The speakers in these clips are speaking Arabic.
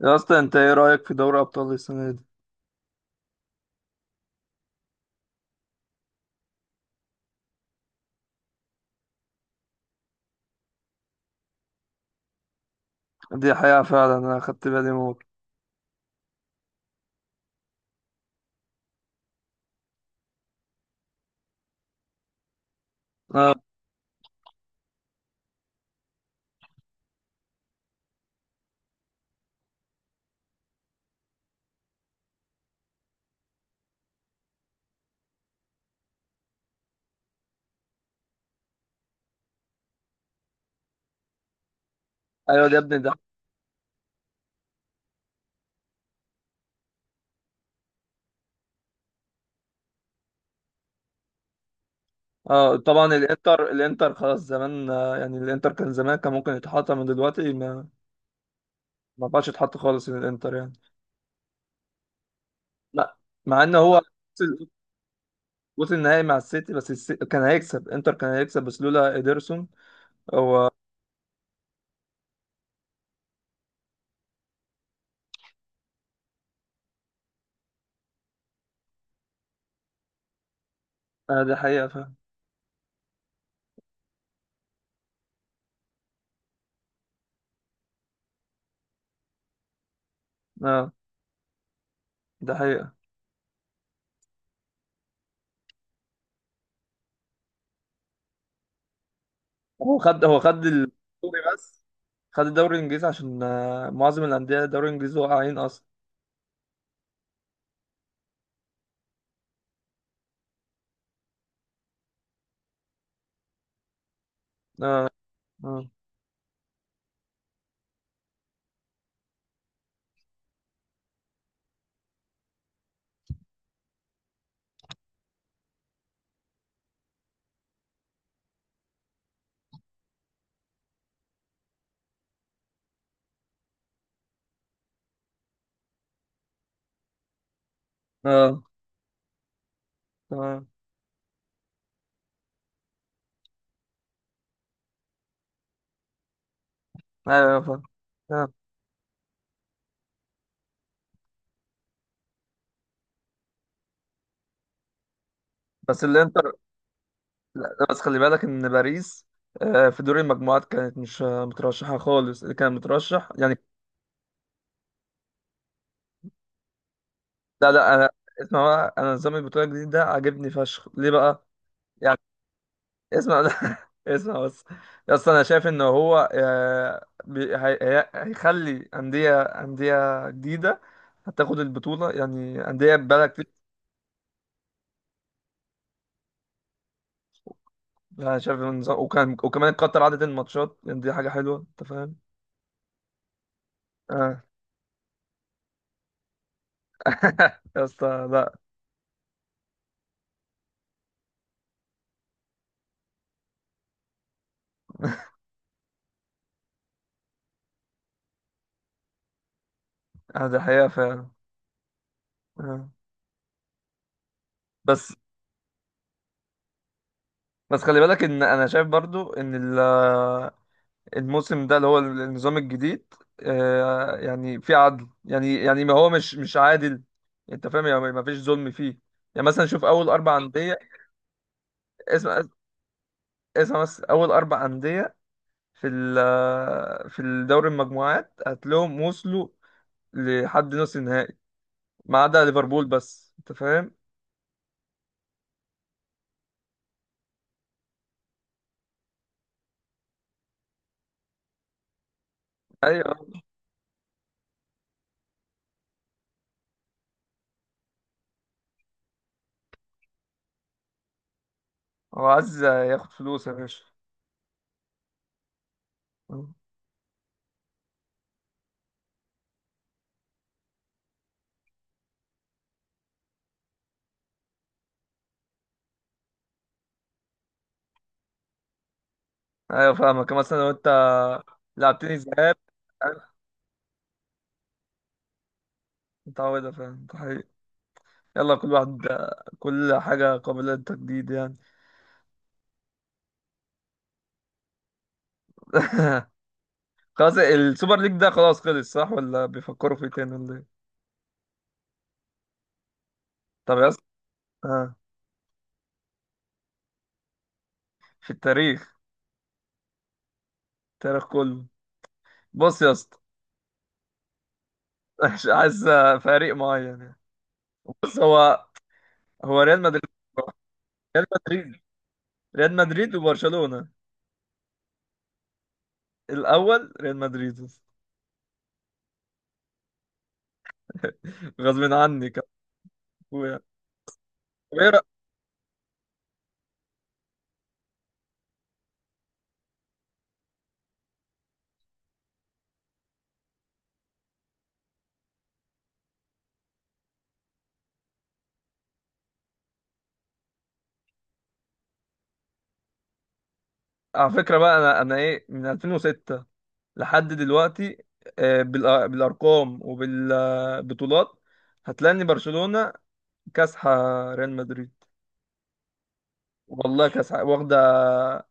يا اسطى، انت ايه رايك في دوري ابطال السنه دي؟ دي حقيقه فعلا، انا خدت بالي موت. اه، ايوه ده يا ابني ده. اه، طبعا الانتر خلاص زمان، يعني الانتر كان زمان، كان ممكن يتحط من دلوقتي ما. ما بقاش يتحط خالص من الانتر يعني. لا. مع ان هو وصل. وصل النهائي مع السيتي، بس كان هيكسب، انتر كان هيكسب بس لولا اديرسون. هو. اه، ده حقيقه فعلا. اه، ده حقيقه. هو خد الدوري بس. خد الدوري الانجليزي عشان معظم الانديه الدوري الانجليزي واقعين اصلا. اه، آه. اه. تمام. ايوه، فاهم. تمام. بس الانتر. لا، بس خلي بالك ان باريس في دور المجموعات كانت مش مترشحه خالص، اللي كان مترشح يعني. لا لا، انا اسمع بقى. انا نظام البطوله الجديد ده عاجبني فشخ، ليه بقى؟ يعني اسمع، لا اسمع بس. اصل انا شايف ان هو هيخلي انديه جديده هتاخد البطوله، يعني انديه بقالها كتير. يعني انا شايف النظام، وكان وكمان قطر عدد الماتشات، يعني دي حاجه حلوه، انت فاهم؟ آه. يا اسطى لا. دي حقيقة فعلا. آه. بس. بس خلي بالك ان انا شايف برضو ان الموسم ده اللي هو النظام الجديد، يعني في عدل، يعني ما هو مش عادل. انت فاهم؟ يعني ما فيش ظلم فيه. يعني مثلا شوف اول اربع انديه. اسمع، اسمع بس، اول اربع انديه في ال آه، في الدوري المجموعات هتلاقيهم وصلوا لحد نص النهائي، ما عدا ليفربول بس. انت فاهم؟ ايوه. هو عايز ياخد فلوس يا باشا. آه. ايوه فاهمك، مثلا لو انت لعبتني ذهاب. انا متعودة، فاهم، ده حقيقي. يلا، كل واحد. كل حاجة قابلة للتجديد يعني. خلاص، السوبر ليج ده خلاص خلص، صح، ولا بيفكروا فيه تاني، ولا ايه؟ طب يا اسطى. آه. في التاريخ. التاريخ كله. بص يا اسطى. مش عايز فريق معين يعني. بص، هو ريال مدريد. ريال مدريد. ريال مدريد وبرشلونة. الأول ريال مدريد. غصب عني، كان أخويا. طب إيه على فكرة بقى. أنا إيه، من 2006 لحد دلوقتي، بالارقام وبالبطولات هتلاقي ان برشلونة كاسحة ريال مدريد. والله كاسحة، واخدة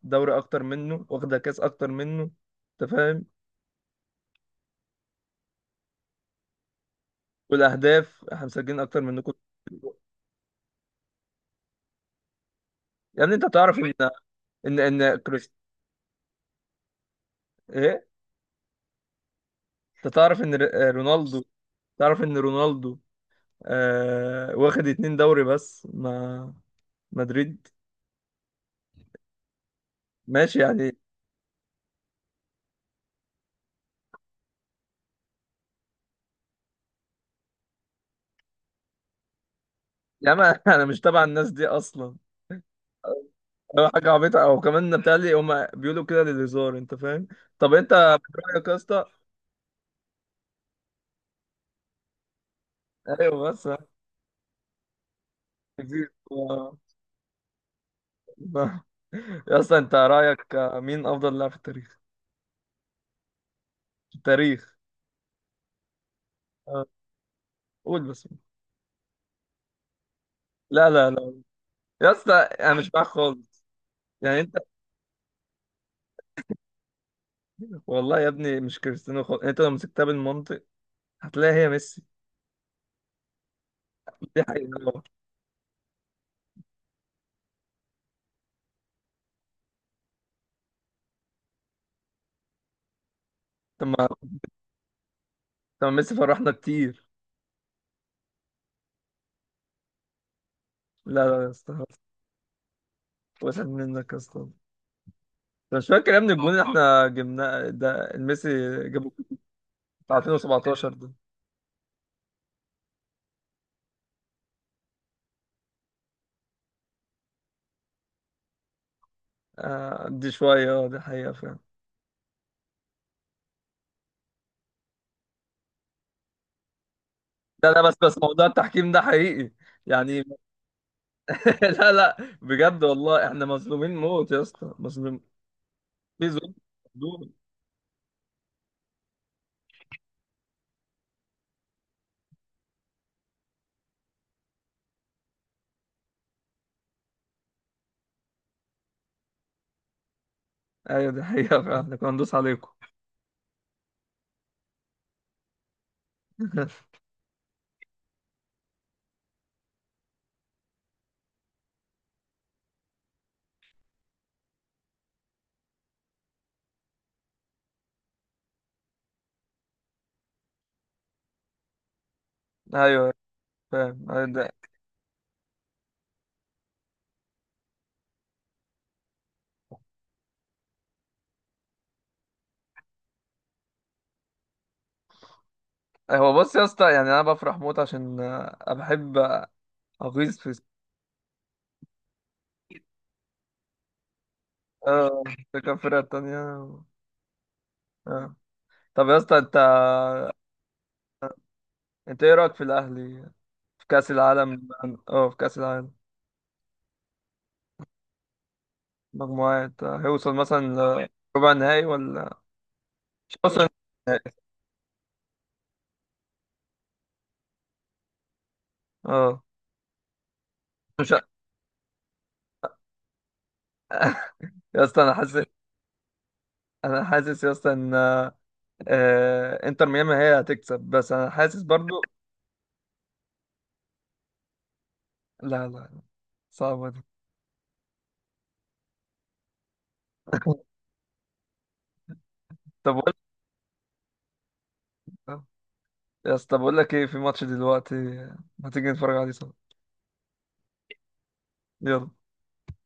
دوري اكتر منه، واخدة كاس اكتر منه. انت فاهم؟ والاهداف احنا مسجلين اكتر منكم. يعني انت تعرف ان. ان ان كريست ايه انت تعرف ان رونالدو. تعرف ان رونالدو آه واخد اتنين دوري بس مع مدريد. ماشي يعني. يا ما، انا مش تبع الناس دي اصلا. اه، حاجة عبيطة. أو كمان بتهيألي هما بيقولوا كده للهزار، أنت فاهم؟ طب أنت رأيك يا اسطى. أيوه بس. كتير. آه. يا اسطى، أنت رأيك مين أفضل لاعب في التاريخ؟ في التاريخ. آه. قول بس. لا لا لا، يا اسطى أنا مش معاك خالص. يعني أنت، والله يا ابني مش كريستيانو خالص. يعني أنت لو مسكتها بالمنطق هتلاقي هي ميسي. دي حقيقة. طب ما. طب ما ميسي فرحنا كتير. لا لا يا اسطى، وسعت منك يا اسطى. أنا مش فاكر يا ابني؟ الجون اللي احنا جبناه ده ميسي جابه، بتاع 2017 ده. دي شوية. اه، دي حقيقة فعلا. لا لا، بس موضوع التحكيم ده حقيقي يعني. لا لا. بجد والله، احنا مظلومين موت يا اسطى، مظلومين. في ظلم. ظلم. ايوه دي حقيقة فعلا، إحنا كنا ندوس عليكم. ايوه فاهم. هو بص يا اسطى، يعني انا بفرح موت عشان أنا بحب اغيظ في. اه، في كام فرقة تانية؟ آه. طب يا اسطى، انت، انت ايه رأيك في الاهلي في كأس العالم؟ اه، في كأس العالم. مجموعات، هيوصل مثلا ربع نهائي؟ ولا مش هيوصل نهائي؟ اه. مش ه- يا اسطى انا حاسس. انا حاسس يا اسطى ان آه، آه، انتر ميامي هي هتكسب، بس انا حاسس برضو. لا لا لا، صعبة دي. طب بقول. يا اسطى بقول لك ايه، في ماتش دلوقتي، ما تيجي نتفرج عليه سوا. يلا.